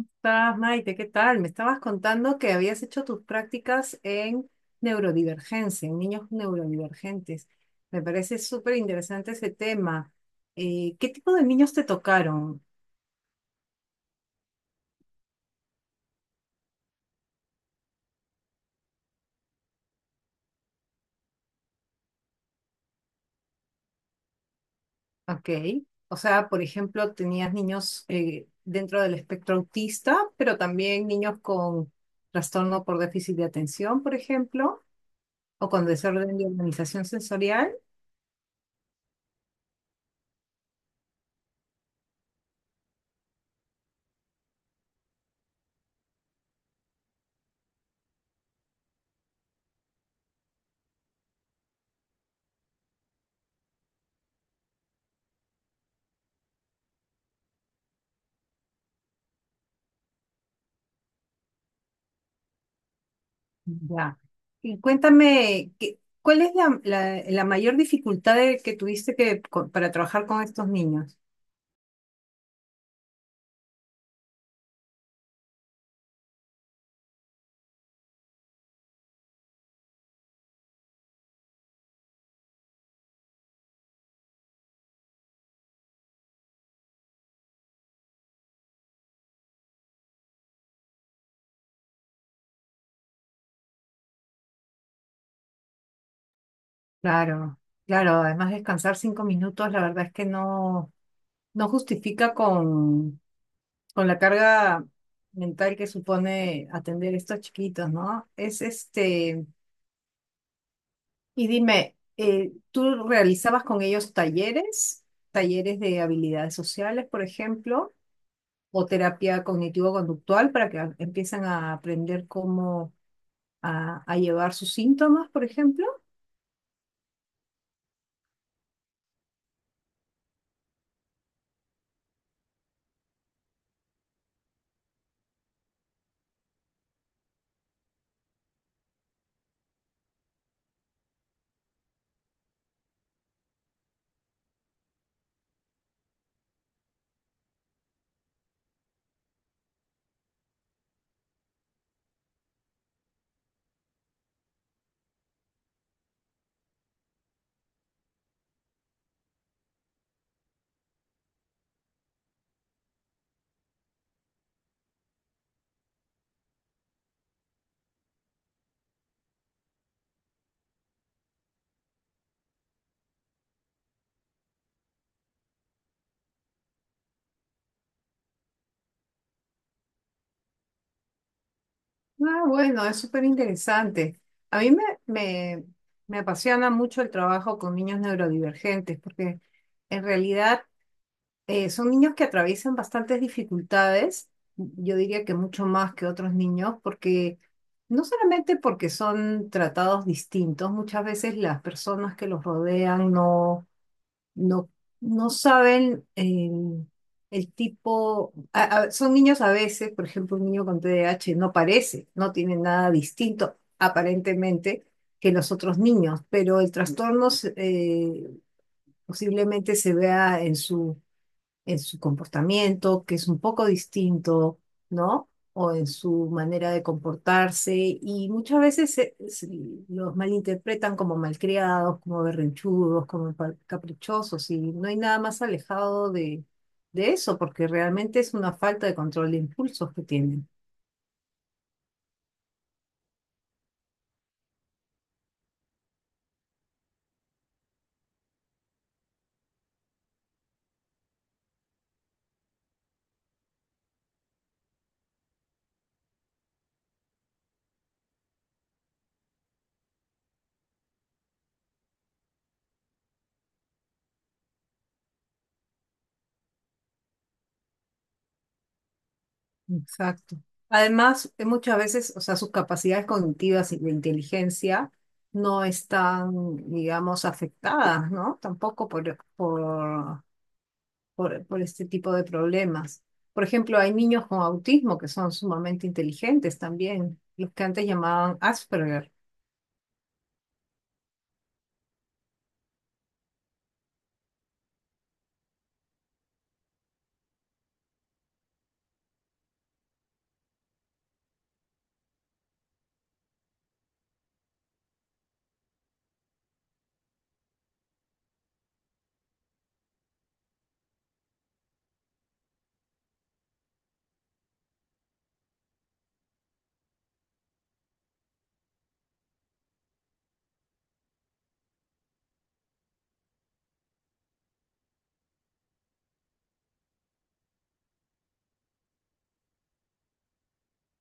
¿Estás, Maite? ¿Qué tal? Me estabas contando que habías hecho tus prácticas en neurodivergencia, en niños neurodivergentes. Me parece súper interesante ese tema. ¿Qué tipo de niños te tocaron? Ok. O sea, por ejemplo, tenías niños dentro del espectro autista, pero también niños con trastorno por déficit de atención, por ejemplo, o con desorden de organización sensorial. Ya. Y cuéntame, ¿cuál es la mayor dificultad que tuviste para trabajar con estos niños? Claro, claro, además descansar cinco minutos, la verdad es que no justifica con la carga mental que supone atender estos chiquitos, ¿no? Es este, y dime, ¿tú realizabas con ellos talleres? ¿Talleres de habilidades sociales, por ejemplo? O terapia cognitivo-conductual para que empiecen a aprender cómo a llevar sus síntomas, por ejemplo. Ah, bueno, es súper interesante. A mí me apasiona mucho el trabajo con niños neurodivergentes porque en realidad son niños que atraviesan bastantes dificultades, yo diría que mucho más que otros niños porque... No solamente porque son tratados distintos, muchas veces las personas que los rodean no, no saben el tipo, son niños a veces, por ejemplo, un niño con TDAH no parece, no tiene nada distinto aparentemente que los otros niños, pero el trastorno posiblemente se vea en su comportamiento, que es un poco distinto, ¿no? O en su manera de comportarse. Y muchas veces se los malinterpretan como malcriados, como berrinchudos, como caprichosos. Y no hay nada más alejado de eso, porque realmente es una falta de control de impulsos que tienen. Exacto. Además, muchas veces, o sea, sus capacidades cognitivas y de inteligencia no están, digamos, afectadas, ¿no? Tampoco por este tipo de problemas. Por ejemplo, hay niños con autismo que son sumamente inteligentes también, los que antes llamaban Asperger,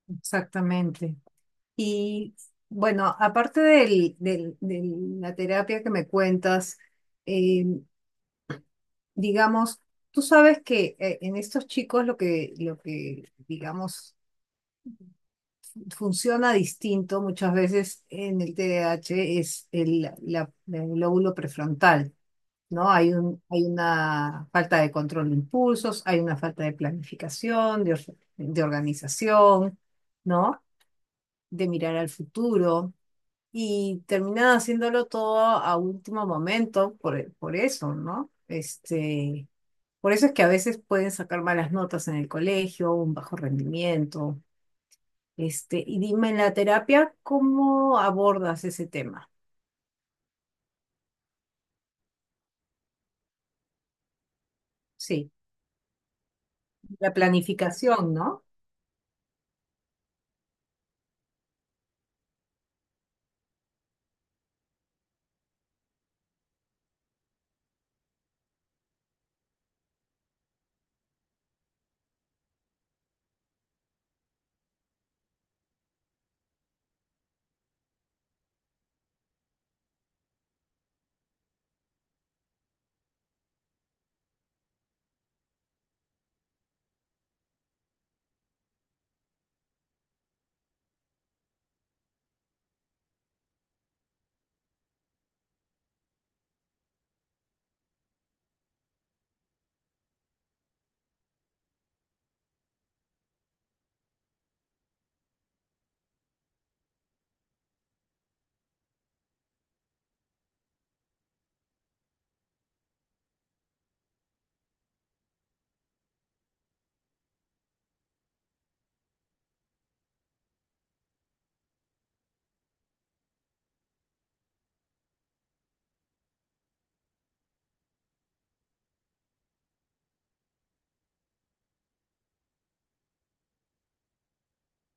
exactamente. Y bueno, aparte de la terapia que me cuentas, eh, digamos, tú sabes que en estos chicos lo que, digamos, funciona distinto muchas veces en el TDAH es el lóbulo prefrontal. ¿No? Hay un, hay una falta de control de impulsos, hay una falta de planificación, de organización, ¿no? De mirar al futuro y terminan haciéndolo todo a último momento por eso, ¿no? Este, por eso es que a veces pueden sacar malas notas en el colegio, un bajo rendimiento. Este, y dime en la terapia, ¿cómo abordas ese tema? Sí, la planificación, ¿no?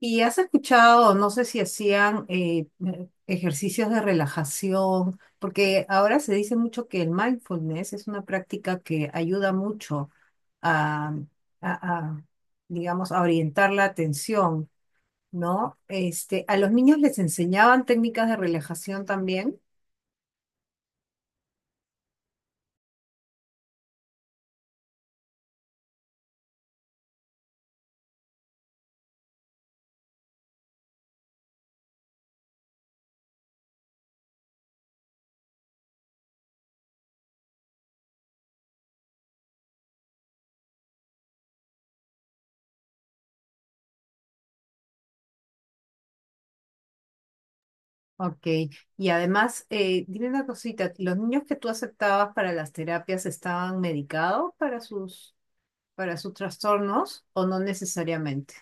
Y has escuchado, no sé si hacían ejercicios de relajación, porque ahora se dice mucho que el mindfulness es una práctica que ayuda mucho a, a- a, digamos, a orientar la atención, ¿no? Este, a los niños les enseñaban técnicas de relajación también. Ok, y además, dime una cosita, ¿los niños que tú aceptabas para las terapias estaban medicados para sus trastornos o no necesariamente?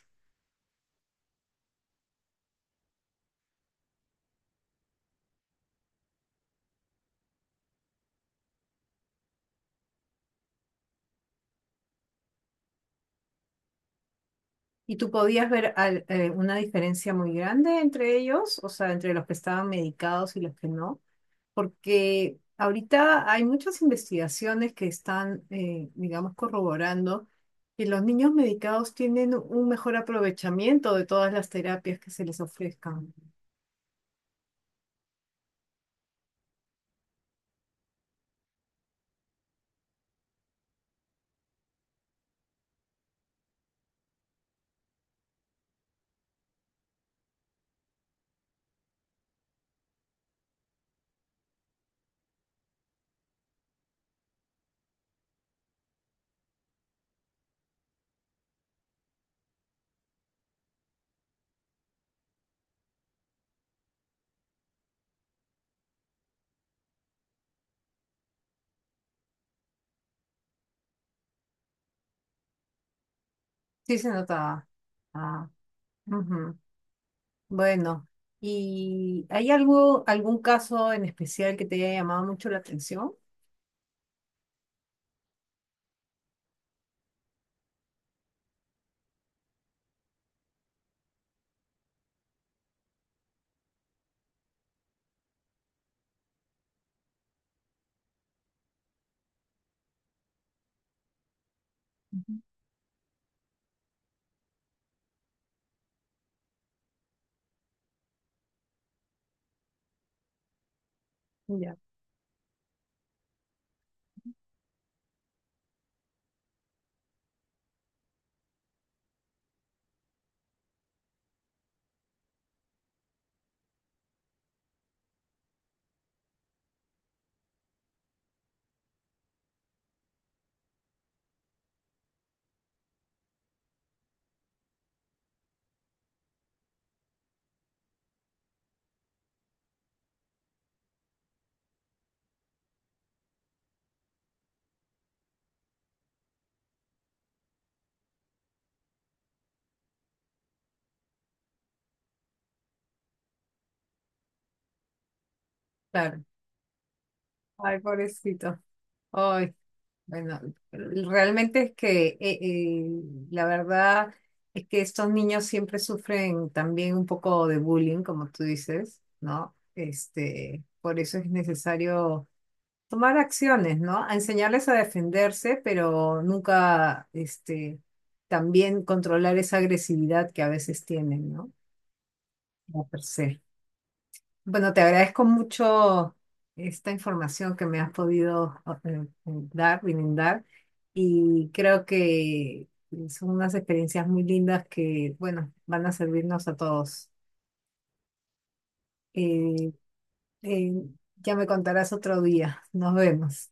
¿Y tú podías ver una diferencia muy grande entre ellos? O sea, entre los que estaban medicados y los que no. Porque ahorita hay muchas investigaciones que están, digamos, corroborando que los niños medicados tienen un mejor aprovechamiento de todas las terapias que se les ofrezcan. Sí se notaba. Ah, ujú. Bueno, ¿y hay algo, algún caso en especial que te haya llamado mucho la atención? Ya. Claro. Ay, pobrecito. Ay, bueno, realmente es que la verdad es que estos niños siempre sufren también un poco de bullying, como tú dices, ¿no? Este, por eso es necesario tomar acciones, ¿no? A enseñarles a defenderse, pero nunca, este, también controlar esa agresividad que a veces tienen, ¿no? Como per se. Bueno, te agradezco mucho esta información que me has podido dar, brindar, y creo que son unas experiencias muy lindas que, bueno, van a servirnos a todos. Eh, eh, ya me contarás otro día. Nos vemos.